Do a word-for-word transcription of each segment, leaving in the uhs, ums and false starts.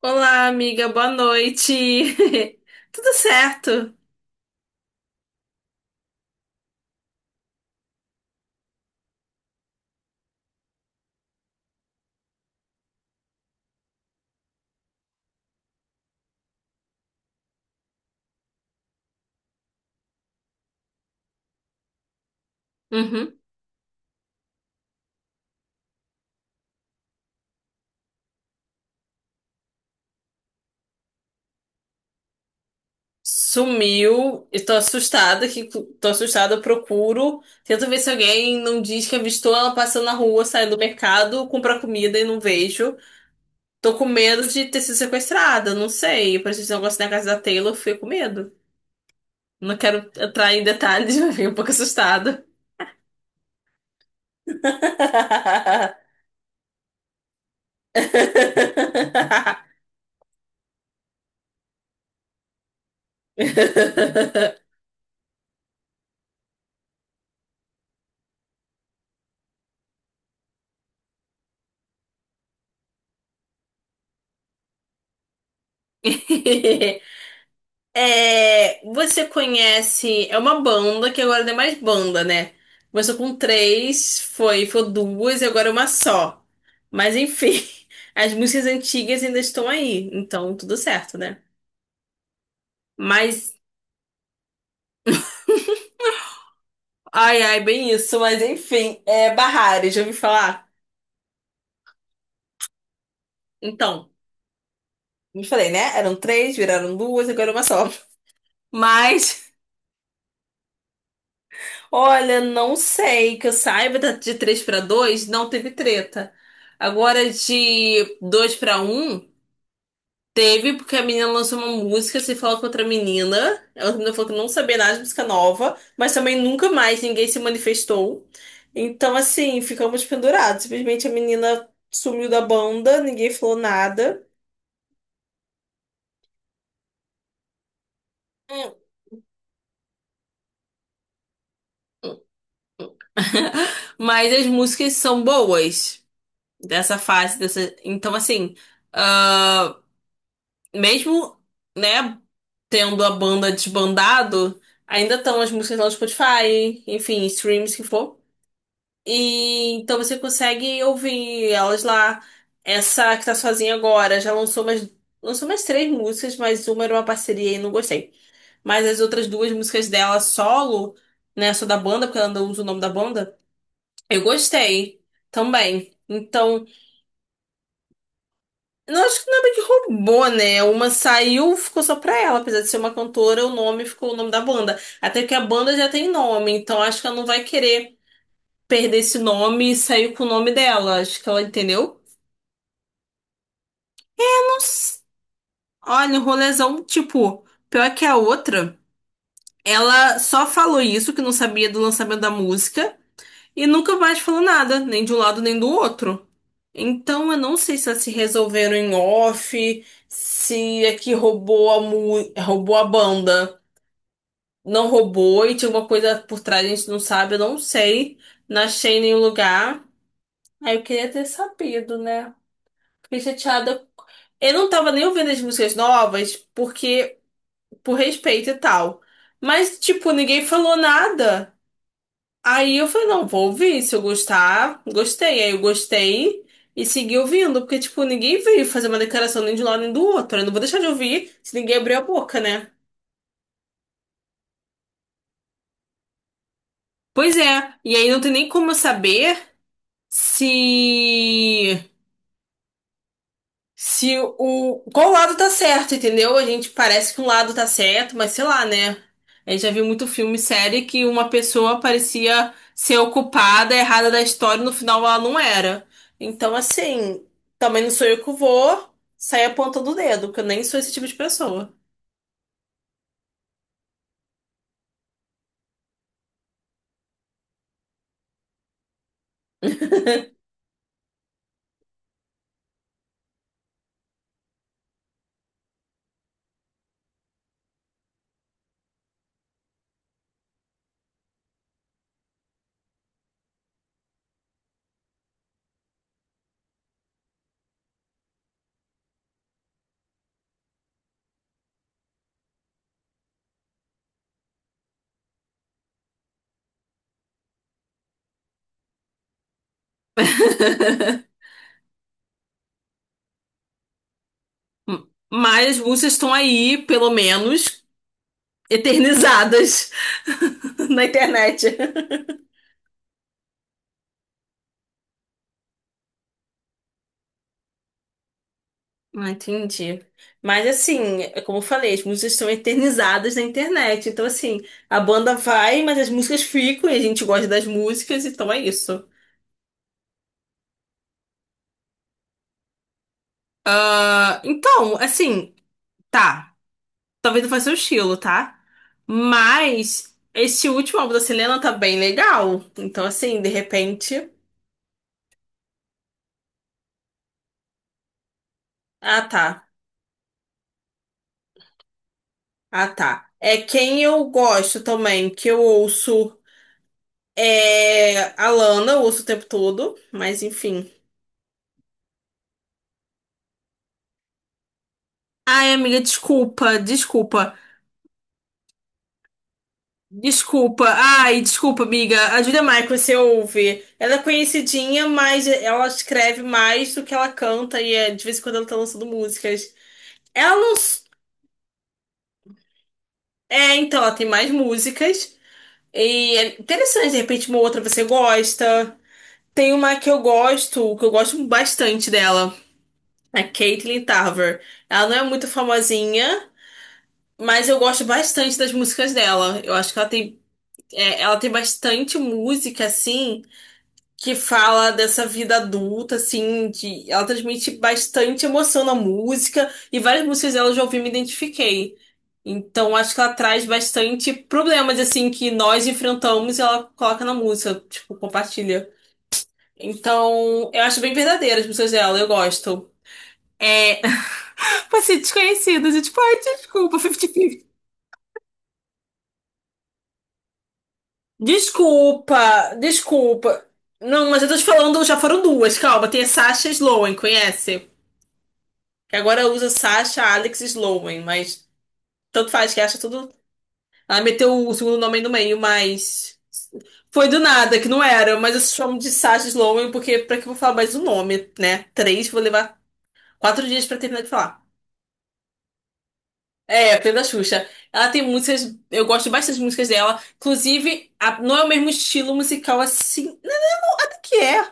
Olá, amiga, boa noite. Tudo certo? Uhum. Sumiu. Estou assustada que tô assustada, eu procuro. Tento ver se alguém não diz que avistou ela passando na rua, saindo do mercado, comprar comida e não vejo. Tô com medo de ter sido sequestrada, não sei. Parece esse negócio na casa da Taylor, eu fiquei com medo. Não quero entrar em detalhes, mas fiquei um pouco assustada. É, você conhece. É uma banda que agora não é mais banda, né? Começou com três, foi, foi duas e agora é uma só. Mas enfim, as músicas antigas ainda estão aí, então tudo certo, né? Mas. Ai, ai, bem isso, mas enfim, é Barrari, já ouvi falar? Então, me falei, né? Eram três, viraram duas, agora é uma só. Mas. Olha, não sei que eu saiba da- de três para dois não teve treta. Agora de dois para um teve porque a menina lançou uma música, se falou com outra menina. Ela outra menina falou que não sabia nada de música nova, mas também nunca mais ninguém se manifestou. Então, assim, ficamos pendurados. Simplesmente a menina sumiu da banda, ninguém falou nada. Hum. Mas as músicas são boas dessa fase, dessa... Então, assim, mesmo, né, tendo a banda desbandado, ainda estão as músicas lá no Spotify, enfim, streams que for. E então você consegue ouvir elas lá. Essa que tá sozinha agora já lançou mais, lançou mais três músicas, mas uma era uma parceria e não gostei. Mas as outras duas músicas dela solo, né, só da banda, porque ela não usa o nome da banda, eu gostei também. Então, não, acho que não é bem que roubou, né? Uma saiu, ficou só pra ela. Apesar de ser uma cantora, o nome ficou o nome da banda. Até porque a banda já tem nome, então acho que ela não vai querer perder esse nome e sair com o nome dela. Acho que ela entendeu. Nossa, olha, um rolezão, tipo, pior que a outra. Ela só falou isso, que não sabia do lançamento da música, e nunca mais falou nada, nem de um lado nem do outro. Então, eu não sei se elas se resolveram em off, se é que roubou a, mu- roubou a banda, não roubou e tinha alguma coisa por trás, a gente não sabe, eu não sei. Não achei nenhum lugar. Aí eu queria ter sabido, né? Fiquei chateada. Eu não tava nem ouvindo as músicas novas, porque, por respeito e tal. Mas, tipo, ninguém falou nada. Aí eu falei, não, vou ouvir, se eu gostar, gostei. Aí eu gostei e segui ouvindo, porque, tipo, ninguém veio fazer uma declaração nem de um lado nem do outro. Eu não vou deixar de ouvir se ninguém abrir a boca, né? Pois é, e aí não tem nem como eu saber se. Se o. Qual lado tá certo, entendeu? A gente parece que um lado tá certo, mas sei lá, né? A gente já viu muito filme e série que uma pessoa parecia ser ocupada, errada da história, e no final ela não era. Então, assim, também não sou eu que vou sair apontando o dedo, porque eu nem sou esse tipo de pessoa. M- Mas as músicas estão aí, pelo menos, eternizadas na internet. Ah, entendi. Mas assim, é como eu falei, as músicas são eternizadas na internet. Então, assim, a banda vai, mas as músicas ficam e a gente gosta das músicas, então é isso. Ah, então, assim, tá. Talvez não faça o estilo, tá? Mas esse último álbum da Selena tá bem legal. Então, assim, de repente. Ah, tá. Ah, tá. É quem eu gosto também, que eu ouço é a Lana, eu ouço o tempo todo, mas enfim. Ai, amiga, desculpa, desculpa, desculpa. Ai, desculpa, amiga. A Julia Michaels, você ouve. Ela é conhecidinha, mas ela escreve mais do que ela canta e é, de vez em quando ela tá lançando músicas. Ela não. s- É, então, ela tem mais músicas. E é interessante, de repente, uma outra você gosta. Tem uma que eu gosto, que eu gosto bastante dela. A Caitlyn Tarver. Ela não é muito famosinha, mas eu gosto bastante das músicas dela. Eu acho que ela tem. É, ela tem bastante música, assim, que fala dessa vida adulta, assim, de, ela transmite bastante emoção na música, e várias músicas dela eu já ouvi e me identifiquei. Então, acho que ela traz bastante problemas, assim, que nós enfrentamos e ela coloca na música, tipo, compartilha. Então, eu acho bem verdadeira as músicas dela, eu gosto. É, passei desconhecidas, eu tipo, ai, desculpa, cinquenta cinquenta. Desculpa, desculpa. Não, mas eu tô te falando, já foram duas, calma. Tem a Sasha Sloan, conhece? Que agora usa Sasha, Alex e Sloan, mas tanto faz que acha tudo. Ela meteu o segundo nome aí no meio, mas foi do nada, que não era. Mas eu chamo de Sasha Sloan porque pra que eu vou falar mais um nome, né? Três, vou levar quatro dias pra terminar de falar. É, Pedro da Xuxa. Ela tem músicas, eu gosto bastante das músicas dela. Inclusive, a- não é o mesmo estilo musical assim. Nada que é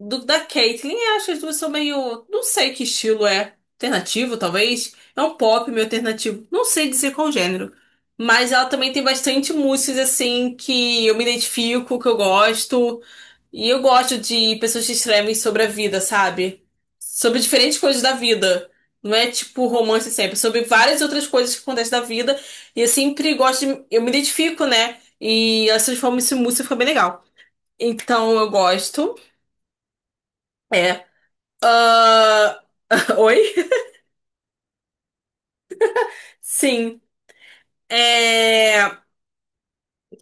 do da Caitlyn, eu acho que as duas são meio. Não sei que estilo é. Alternativo, talvez. É um pop meio alternativo. Não sei dizer qual gênero. Mas ela também tem bastante músicas assim que eu me identifico, que eu gosto. E eu gosto de pessoas que escrevem sobre a vida, sabe? Sobre diferentes coisas da vida. Não é tipo romance sempre, é sobre várias outras coisas que acontecem na vida. E eu sempre gosto de. Eu me identifico, né? E elas transformam isso em música, fica bem legal. Então eu gosto. É, ah, oi? Sim. É.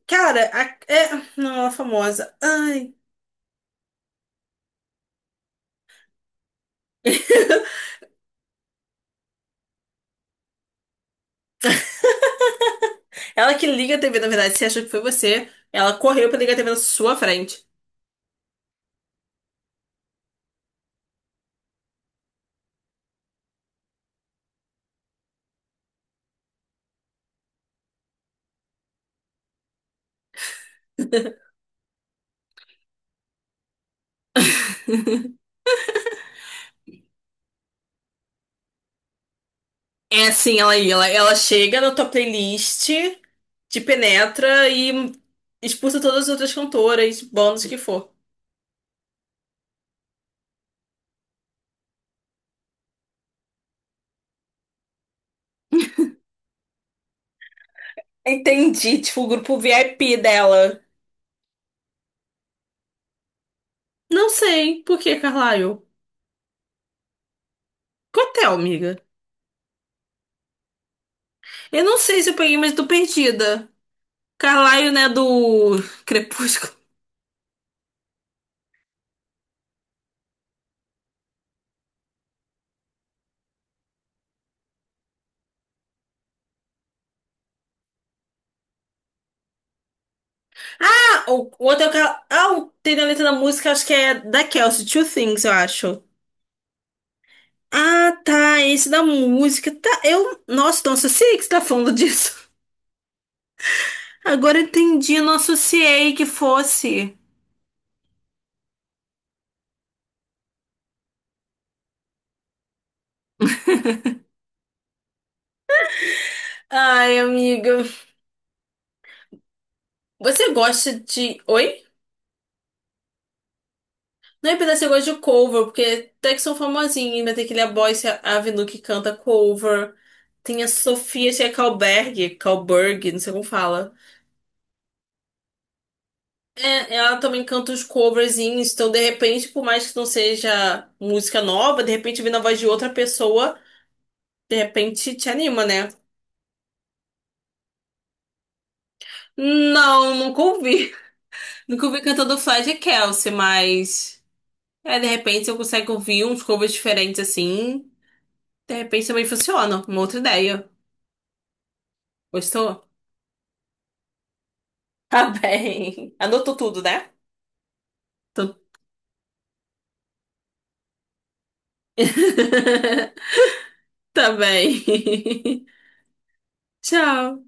Cara, a- é. Não, ela é famosa. Ai. Ela que liga a tê vê, na verdade, se achou que foi você. Ela correu pra ligar a tê vê na sua frente. É assim, ela aí, ela, ela chega na tua playlist, te penetra e expulsa todas as outras cantoras, bandas que for. Entendi, tipo, o grupo vip dela. Não sei. Por que Carlyle? Cotel, amiga. Eu não sei se eu peguei, mas eu tô perdida. Carlyle, né, do Crepúsculo. Ah, o, o outro é o Car... Ah, o- tem na letra da música, acho que é da Kelsey, Two Things, eu acho. Ah, tá, esse da música, tá, eu... Nossa, não associei que você tá falando disso. Agora eu entendi, eu não associei que fosse. Ai, amiga, você gosta de... Oi? Não é pedaço, você gosta de cover, porque até que são famosinhos, ainda tem aquele A Boyce Avenue que canta cover. Tem a Sofia Tchekauberg, Kalberg, não sei como fala. É, ela também canta os coverzinhos, então de repente, por mais que não seja música nova, de repente vindo a voz de outra pessoa, de repente te anima, né? Não, nunca ouvi. Nunca ouvi cantando Flash e Kelsey, mas é, de repente eu consigo ouvir uns covers diferentes assim, de repente também funciona. Uma outra ideia. Gostou? Tá bem. Anotou tudo, né? Tô- Tá bem. Tchau.